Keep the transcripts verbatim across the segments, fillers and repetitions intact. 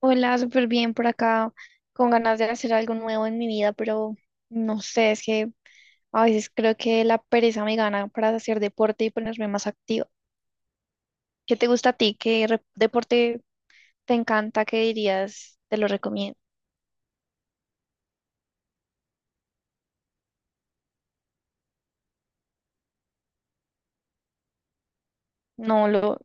Hola, súper bien por acá, con ganas de hacer algo nuevo en mi vida, pero no sé, es que a veces creo que la pereza me gana para hacer deporte y ponerme más activa. ¿Qué te gusta a ti? ¿Qué re- deporte te encanta? ¿Qué dirías? Te lo recomiendo. No, lo,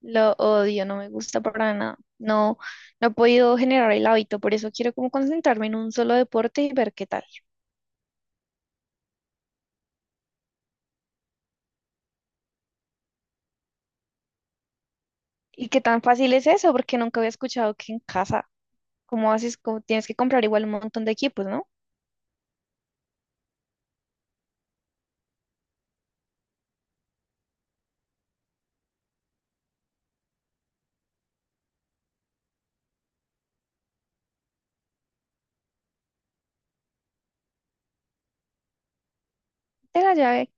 lo odio, no me gusta para nada. No, no he podido generar el hábito, por eso quiero como concentrarme en un solo deporte y ver qué tal. ¿Y qué tan fácil es eso? Porque nunca había escuchado que en casa, ¿como haces? Como tienes que comprar igual un montón de equipos, ¿no? De la llave.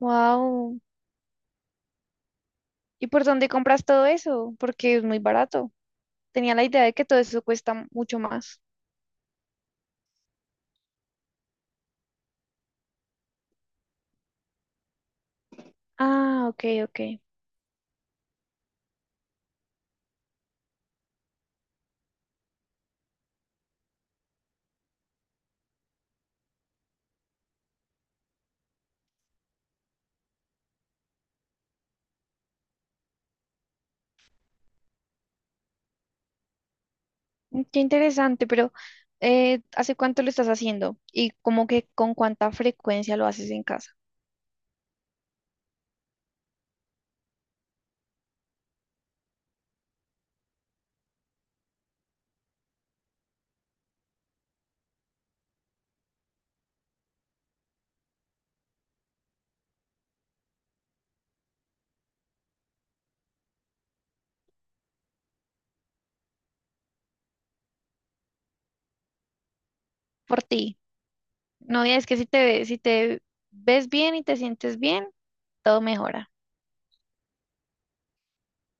Wow. ¿Y por dónde compras todo eso? Porque es muy barato. Tenía la idea de que todo eso cuesta mucho más. Ah, ok, ok. Mm, Qué interesante, pero eh, ¿hace cuánto lo estás haciendo? ¿Y como que con cuánta frecuencia lo haces en casa? Por ti. No, y es que si te, ve- si te ves bien y te sientes bien, todo mejora.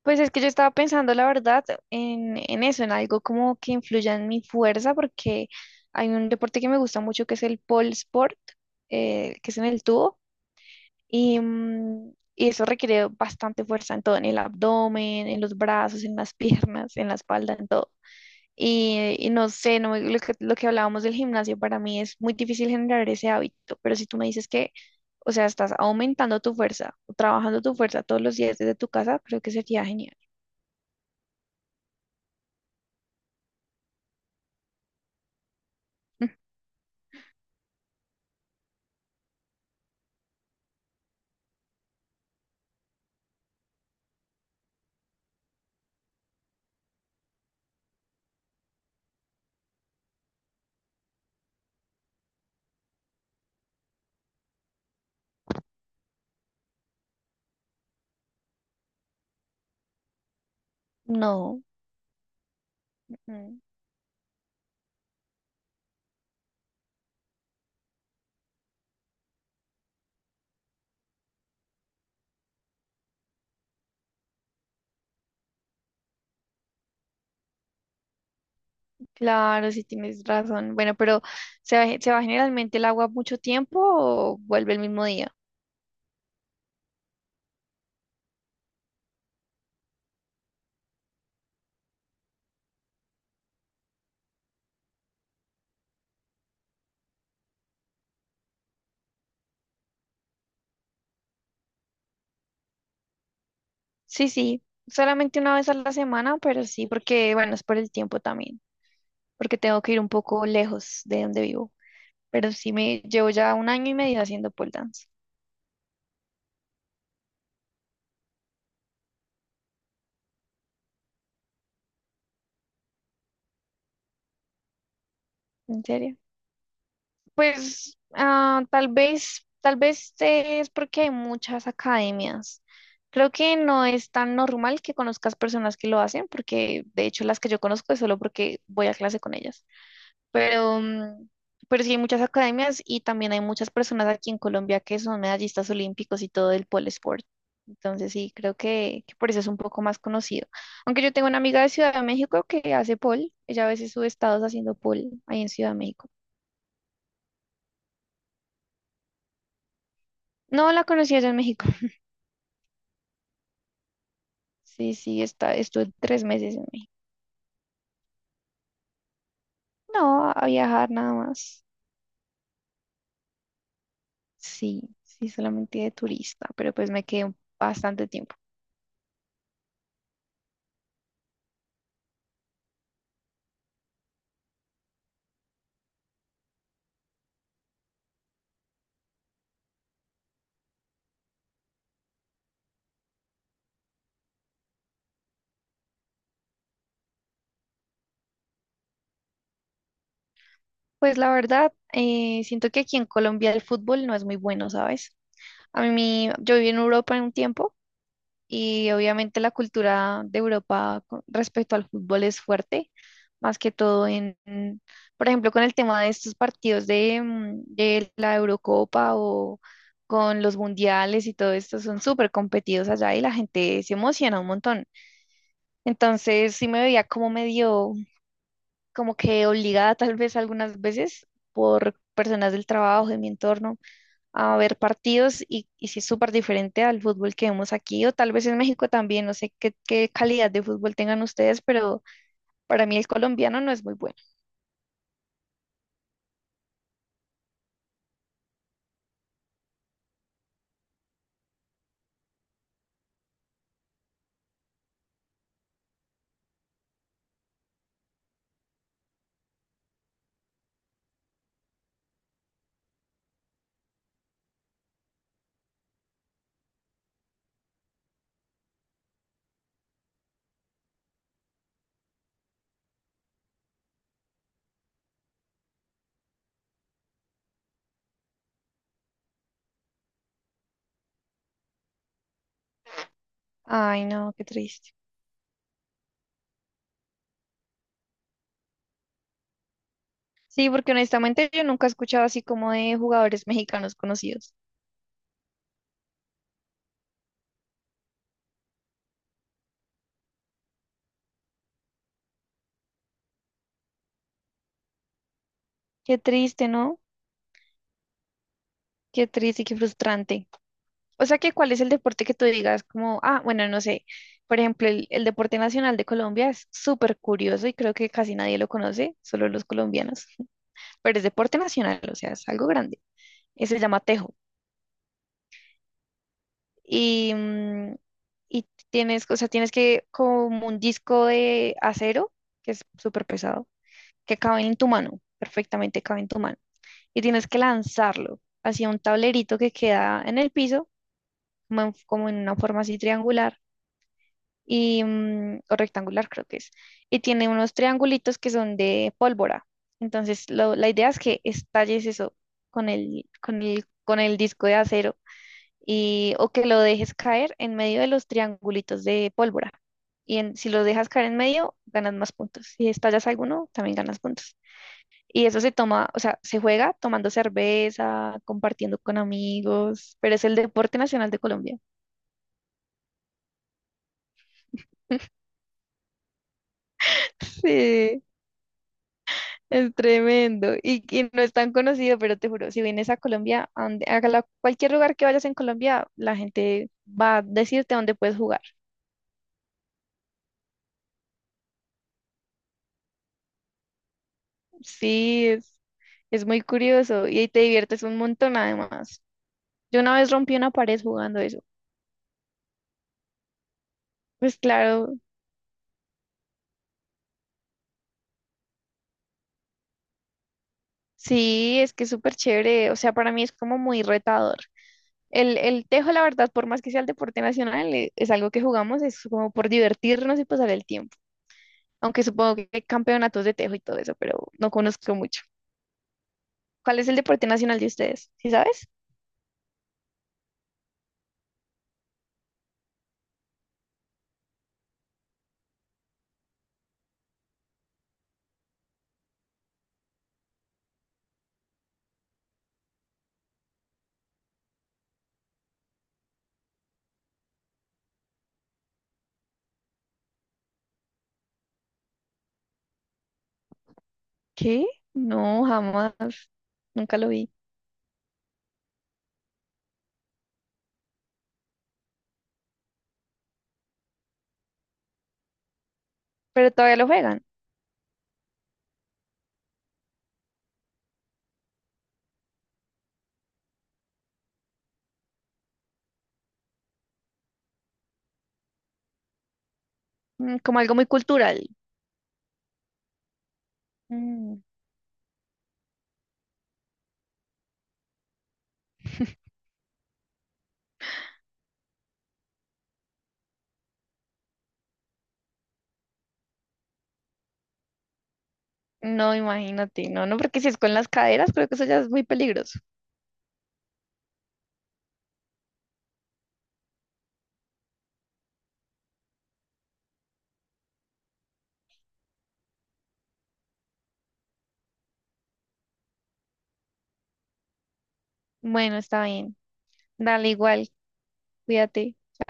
Pues es que yo estaba pensando, la verdad, en, en eso, en algo como que influya en mi fuerza, porque hay un deporte que me gusta mucho que es el pole sport, eh, que es en el tubo, y, mm, y eso requiere bastante fuerza en todo, en el abdomen, en los brazos, en las piernas, en la espalda, en todo. Y, y no sé, no, me- lo que, lo que hablábamos del gimnasio, para mí es muy difícil generar ese hábito, pero si tú me dices que, o sea, estás aumentando tu fuerza, trabajando tu fuerza todos los días desde tu casa, creo que sería genial. No, mm, claro, sí tienes razón. Bueno, pero ¿se va, se va generalmente el agua mucho tiempo o vuelve el mismo día? Sí, sí, solamente una vez a la semana, pero sí, porque bueno, es por el tiempo también, porque tengo que ir un poco lejos de donde vivo. Pero sí me llevo ya un año y medio haciendo pole dance. ¿En serio? Pues ah, tal vez, tal vez eh, es porque hay muchas academias. Creo que no es tan normal que conozcas personas que lo hacen, porque de hecho las que yo conozco es solo porque voy a clase con ellas. Pero, mm, pero sí hay muchas academias y también hay muchas personas aquí en Colombia que son medallistas olímpicos y todo el pole sport. Entonces sí, creo que, que por eso es un poco más conocido. Aunque yo tengo una amiga de Ciudad de México que hace pole, ella a veces sube estados haciendo pole ahí en Ciudad de México. No la conocí allá en México. Sí, sí, está, estuve tres meses en México. No, a viajar nada más. Sí, sí, solamente de turista, pero pues me quedé un- bastante tiempo. Pues la verdad, eh, siento que aquí en Colombia el fútbol no es muy bueno, ¿sabes? A mí, yo viví en Europa en un tiempo. Y obviamente la cultura de Europa con respecto al fútbol es fuerte, más que todo en, en, por ejemplo, con el tema de estos partidos de, mm, de la Eurocopa o con los mundiales y todo esto, son súper competidos allá y la gente se emociona un montón. Entonces sí me veía como medio, como que obligada tal vez algunas veces por personas del trabajo, de mi entorno a ver partidos y, y si es súper diferente al fútbol que vemos aquí o tal vez en México también, no sé qué, qué calidad de fútbol tengan ustedes, pero para mí el colombiano no es muy bueno. Ay, no, qué triste. Sí, porque honestamente yo nunca he escuchado así como de jugadores mexicanos conocidos. Qué triste, ¿no? Qué triste y qué frustrante. O sea que, ¿cuál es el deporte que tú digas como, ah, bueno, no sé, por ejemplo, el, el deporte nacional de Colombia es súper curioso y creo que casi nadie lo conoce, solo los colombianos, pero es deporte nacional, o sea, es algo grande. Eh, se llama Tejo. Y, mm, y tienes, o sea, tienes que como un disco de acero, que es súper pesado, que cabe en tu mano, perfectamente cabe en tu mano. Y tienes que lanzarlo hacia un tablerito que queda en el piso, como en, como en una forma así triangular y, mm, o rectangular creo que es. Y tiene unos triangulitos que son de pólvora. Entonces, lo- la idea es que estalles eso con el, con el, con el disco de acero y, o que lo dejes caer en medio de los triangulitos de pólvora. Y en- si lo dejas caer en medio, ganas más puntos. Si estallas alguno, también ganas puntos. Y eso se toma, o sea, se juega tomando cerveza, compartiendo con amigos, pero es el deporte nacional de Colombia. Sí, es tremendo. Y, y no es tan conocido, pero te juro, si vienes a Colombia, a donde- a la- cualquier lugar que vayas en Colombia, la gente va a decirte dónde puedes jugar. Sí, es, es muy curioso y ahí te diviertes un montón además. Yo una vez rompí una pared jugando eso. Pues claro, sí, es que es súper chévere. O sea, para mí es como muy retador. El, el tejo, la verdad, por más que sea el deporte nacional, e- es algo que jugamos, es como por divertirnos y pasar el tiempo. Aunque supongo que hay campeonatos de tejo y todo eso, pero no conozco mucho. ¿Cuál es el deporte nacional de ustedes? ¿Sí sabes? ¿Qué? No, jamás. Nunca lo vi. Pero todavía lo juegan. Mm, Como algo muy cultural. No, imagínate, no, no, porque si es con las caderas, creo que eso ya es muy peligroso. Bueno, está bien. Dale igual, cuídate.